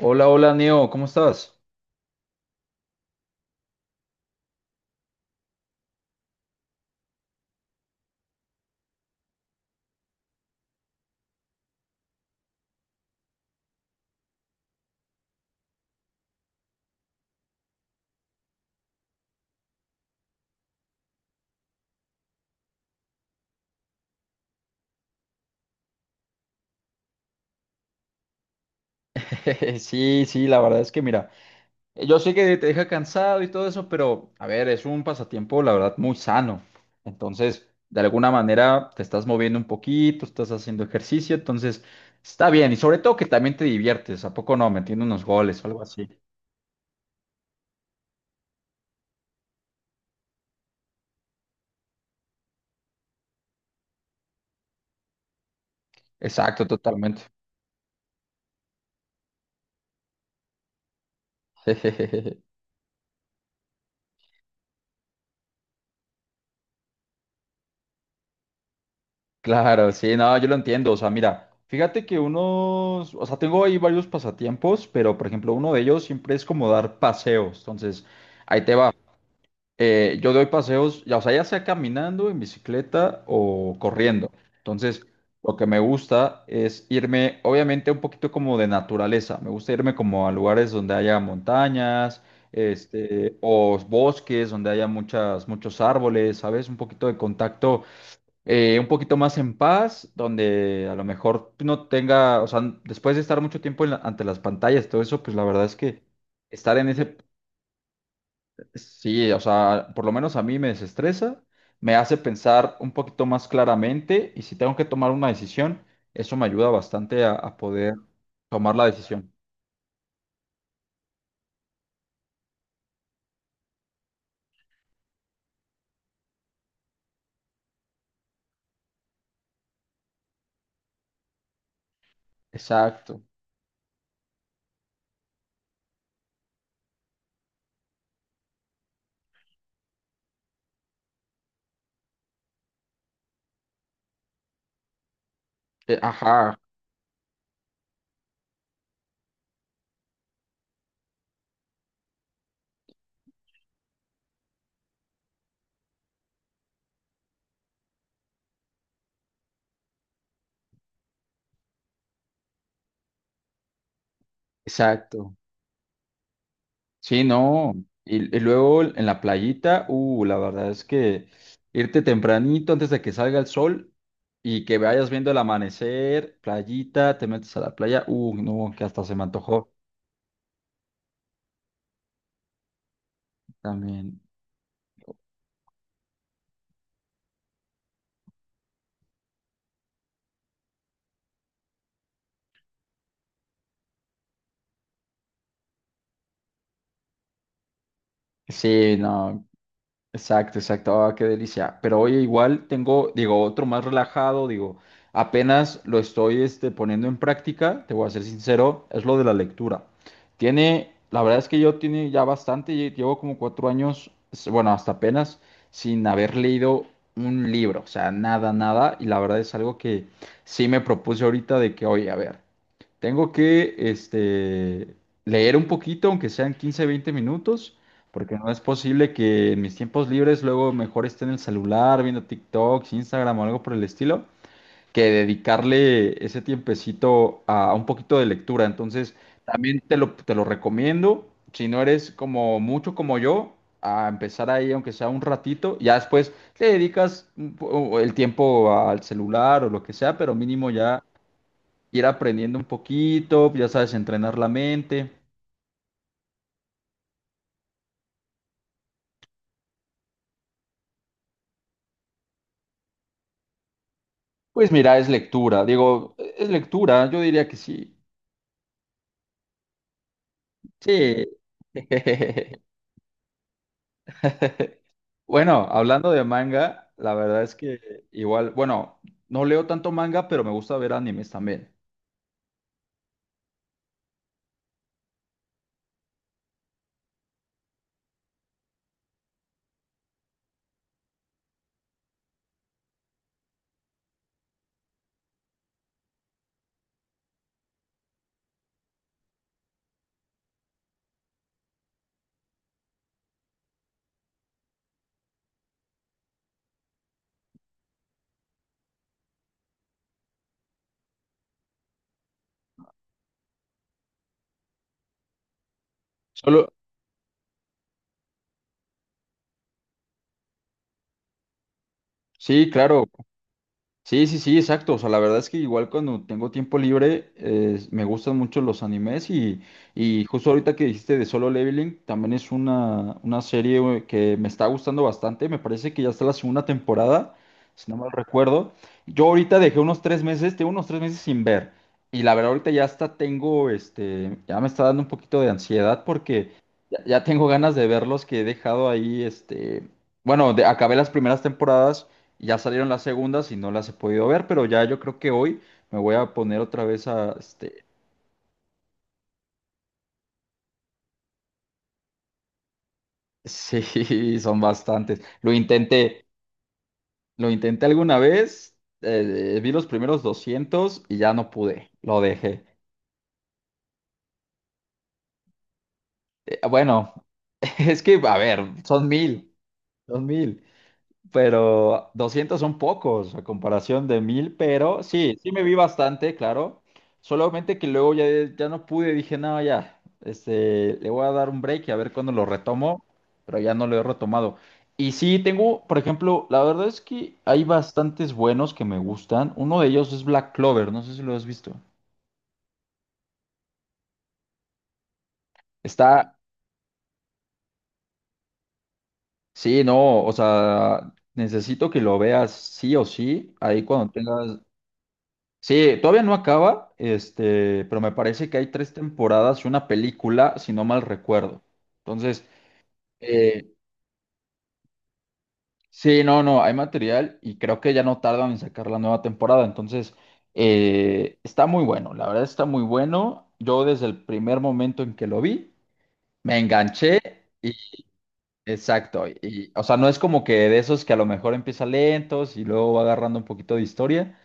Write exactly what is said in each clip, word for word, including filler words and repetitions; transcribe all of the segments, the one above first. Hola, hola, Neo, ¿cómo estás? Sí, sí, la verdad es que mira, eh, yo sé que te deja cansado y todo eso, pero a ver, es un pasatiempo, la verdad, muy sano. Entonces, de alguna manera te estás moviendo un poquito, estás haciendo ejercicio, entonces está bien. Y sobre todo que también te diviertes, ¿a poco no? Metiendo unos goles o algo así. Exacto, totalmente. Claro, sí, no, yo lo entiendo. O sea, mira, fíjate que unos, o sea, tengo ahí varios pasatiempos, pero por ejemplo, uno de ellos siempre es como dar paseos. Entonces, ahí te va. Eh, yo doy paseos, ya, o sea, ya sea caminando, en bicicleta o corriendo. Entonces, lo que me gusta es irme, obviamente, un poquito como de naturaleza. Me gusta irme como a lugares donde haya montañas, este, o bosques, donde haya muchas, muchos árboles, ¿sabes? Un poquito de contacto, eh, un poquito más en paz, donde a lo mejor no tenga, o sea, después de estar mucho tiempo en la- ante las pantallas, todo eso, pues la verdad es que estar en ese, sí, o sea, por lo menos a mí me desestresa, me hace pensar un poquito más claramente y si tengo que tomar una decisión, eso me ayuda bastante a, a poder tomar la decisión. Exacto. Eh, ajá, exacto. Sí, no. Y, y luego en la playita, uh, la verdad es que irte tempranito antes de que salga el sol y que vayas viendo el amanecer, playita, te metes a la playa, uh, no, que hasta se me antojó también. Sí, no, exacto, exacto. Ah, qué delicia. Pero oye, igual tengo, digo, otro más relajado, digo, apenas lo estoy este, poniendo en práctica, te voy a ser sincero, es lo de la lectura. Tiene, la verdad es que yo tiene ya bastante, lle- llevo como cuatro años, s- bueno, hasta apenas, sin haber leído un libro, o sea, nada, nada. Y la verdad es algo que sí me propuse ahorita de que, oye, a ver. Tengo que este, leer un poquito, aunque sean quince veinte minutos, porque no es posible que en mis tiempos libres luego mejor esté en el celular viendo TikToks, Instagram o algo por el estilo, que dedicarle ese tiempecito a un poquito de lectura. Entonces, también te lo, te lo recomiendo, si no eres como mucho como yo, a empezar ahí, aunque sea un ratito, ya después le dedicas un po- el tiempo al celular o lo que sea, pero mínimo ya ir aprendiendo un poquito, ya sabes, entrenar la mente. Pues mira, es lectura, digo, e-, es lectura, yo diría que sí. Sí. Bueno, hablando de manga, la verdad es que igual, bueno, no leo tanto manga, pero me gusta ver animes también. Solo, sí, claro. Sí, sí, sí, exacto. O sea, la verdad es que igual cuando tengo tiempo libre, eh, me gustan mucho los animes y, y justo ahorita que dijiste de Solo Leveling, también es una, una serie güey, que me está gustando bastante. Me parece que ya está la segunda temporada, si no mal recuerdo. Yo ahorita dejé unos tres meses, tengo unos tres meses sin ver. Y la verdad ahorita ya hasta tengo, este, ya me está dando un poquito de ansiedad porque ya, ya tengo ganas de verlos que he dejado ahí, este, bueno, de- acabé las primeras temporadas. Ya salieron las segundas y no las he podido ver, pero ya yo creo que hoy me voy a poner otra vez a, este, sí, son bastantes. Lo intenté, lo intenté alguna vez, eh, vi los primeros doscientos y ya no pude, lo dejé. Eh, bueno, es que, a ver, son mil, son mil. Pero doscientos son pocos a comparación de mil, pero sí, sí me vi bastante, claro. Solamente que luego ya, ya no pude, dije, no, ya, este, le voy a dar un break y a ver cuándo lo retomo, pero ya no lo he retomado. Y sí, tengo, por ejemplo, la verdad es que hay bastantes buenos que me gustan. Uno de ellos es Black Clover, no sé si lo has visto. Está, sí, no, o sea, necesito que lo veas sí o sí, ahí cuando tengas, sí, todavía no acaba, este, pero me parece que hay tres temporadas y una película, si no mal recuerdo. Entonces, eh, sí, no, no, hay material y creo que ya no tardan en sacar la nueva temporada. Entonces, eh, está muy bueno, la verdad está muy bueno. Yo desde el primer momento en que lo vi, me enganché y, exacto, y, o sea, no es como que de esos que a lo mejor empieza lentos y luego va agarrando un poquito de historia.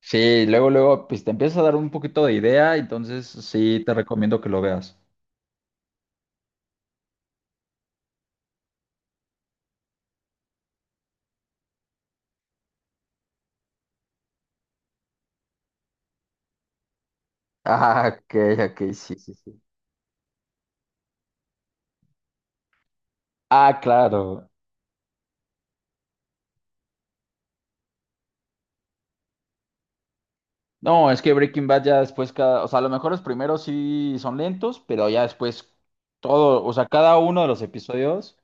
Sí, luego, luego, pues te empieza a dar un poquito de idea, entonces sí te recomiendo que lo veas. Ah, ok, ok, sí, sí, sí. Ah, claro. No, es que Breaking Bad ya después cada, o sea, a lo mejor los primeros sí son lentos, pero ya después todo, o sea, cada uno de los episodios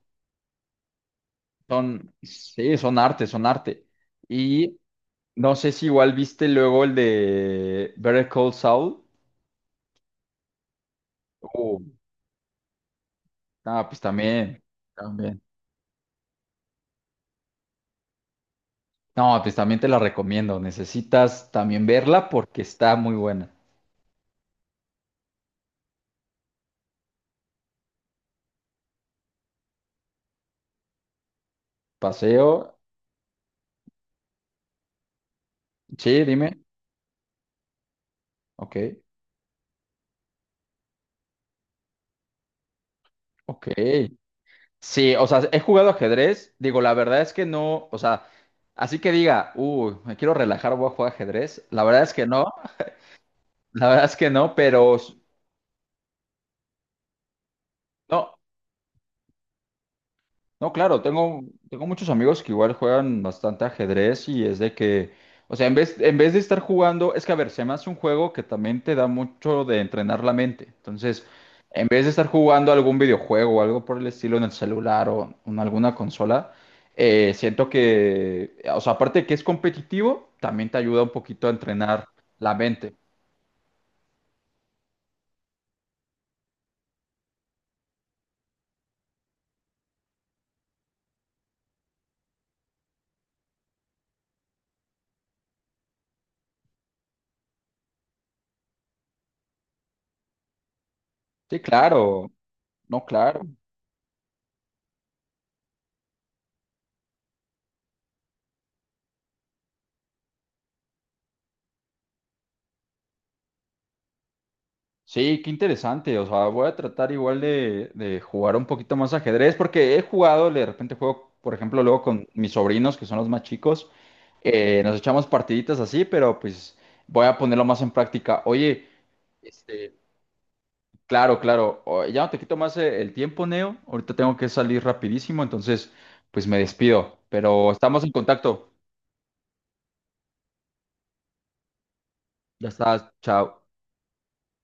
son, sí, son arte, son arte. Y no sé si igual viste luego el de Better Call Saul. Uh, ah, pues también, también. No, pues también te la recomiendo. Necesitas también verla porque está muy buena. Paseo. Sí, dime. Ok. Ok. Sí, o sea, he jugado ajedrez. Digo, la verdad es que no. O sea, así que diga, uy, me quiero relajar, voy a jugar ajedrez. La verdad es que no. La verdad es que no, pero. No. No, claro, tengo, tengo muchos amigos que igual juegan bastante ajedrez y es de que, o sea, en vez, en vez de estar jugando, es que a ver, se me hace un juego que también te da mucho de entrenar la mente. Entonces, en vez de estar jugando algún videojuego o algo por el estilo en el celular o en alguna consola, eh, siento que, o sea, aparte de que es competitivo, también te ayuda un poquito a entrenar la mente. Sí, claro, no, claro. Sí, qué interesante. O sea, voy a tratar igual de, de jugar un poquito más ajedrez, porque he jugado, de repente juego, por ejemplo, luego con mis sobrinos, que son los más chicos, eh, nos echamos partiditas así, pero pues voy a ponerlo más en práctica. Oye, este, claro, claro, o- ya no te quito más, eh, el tiempo, Neo. Ahorita tengo que salir rapidísimo, entonces pues me despido, pero estamos en contacto. Ya estás, chao.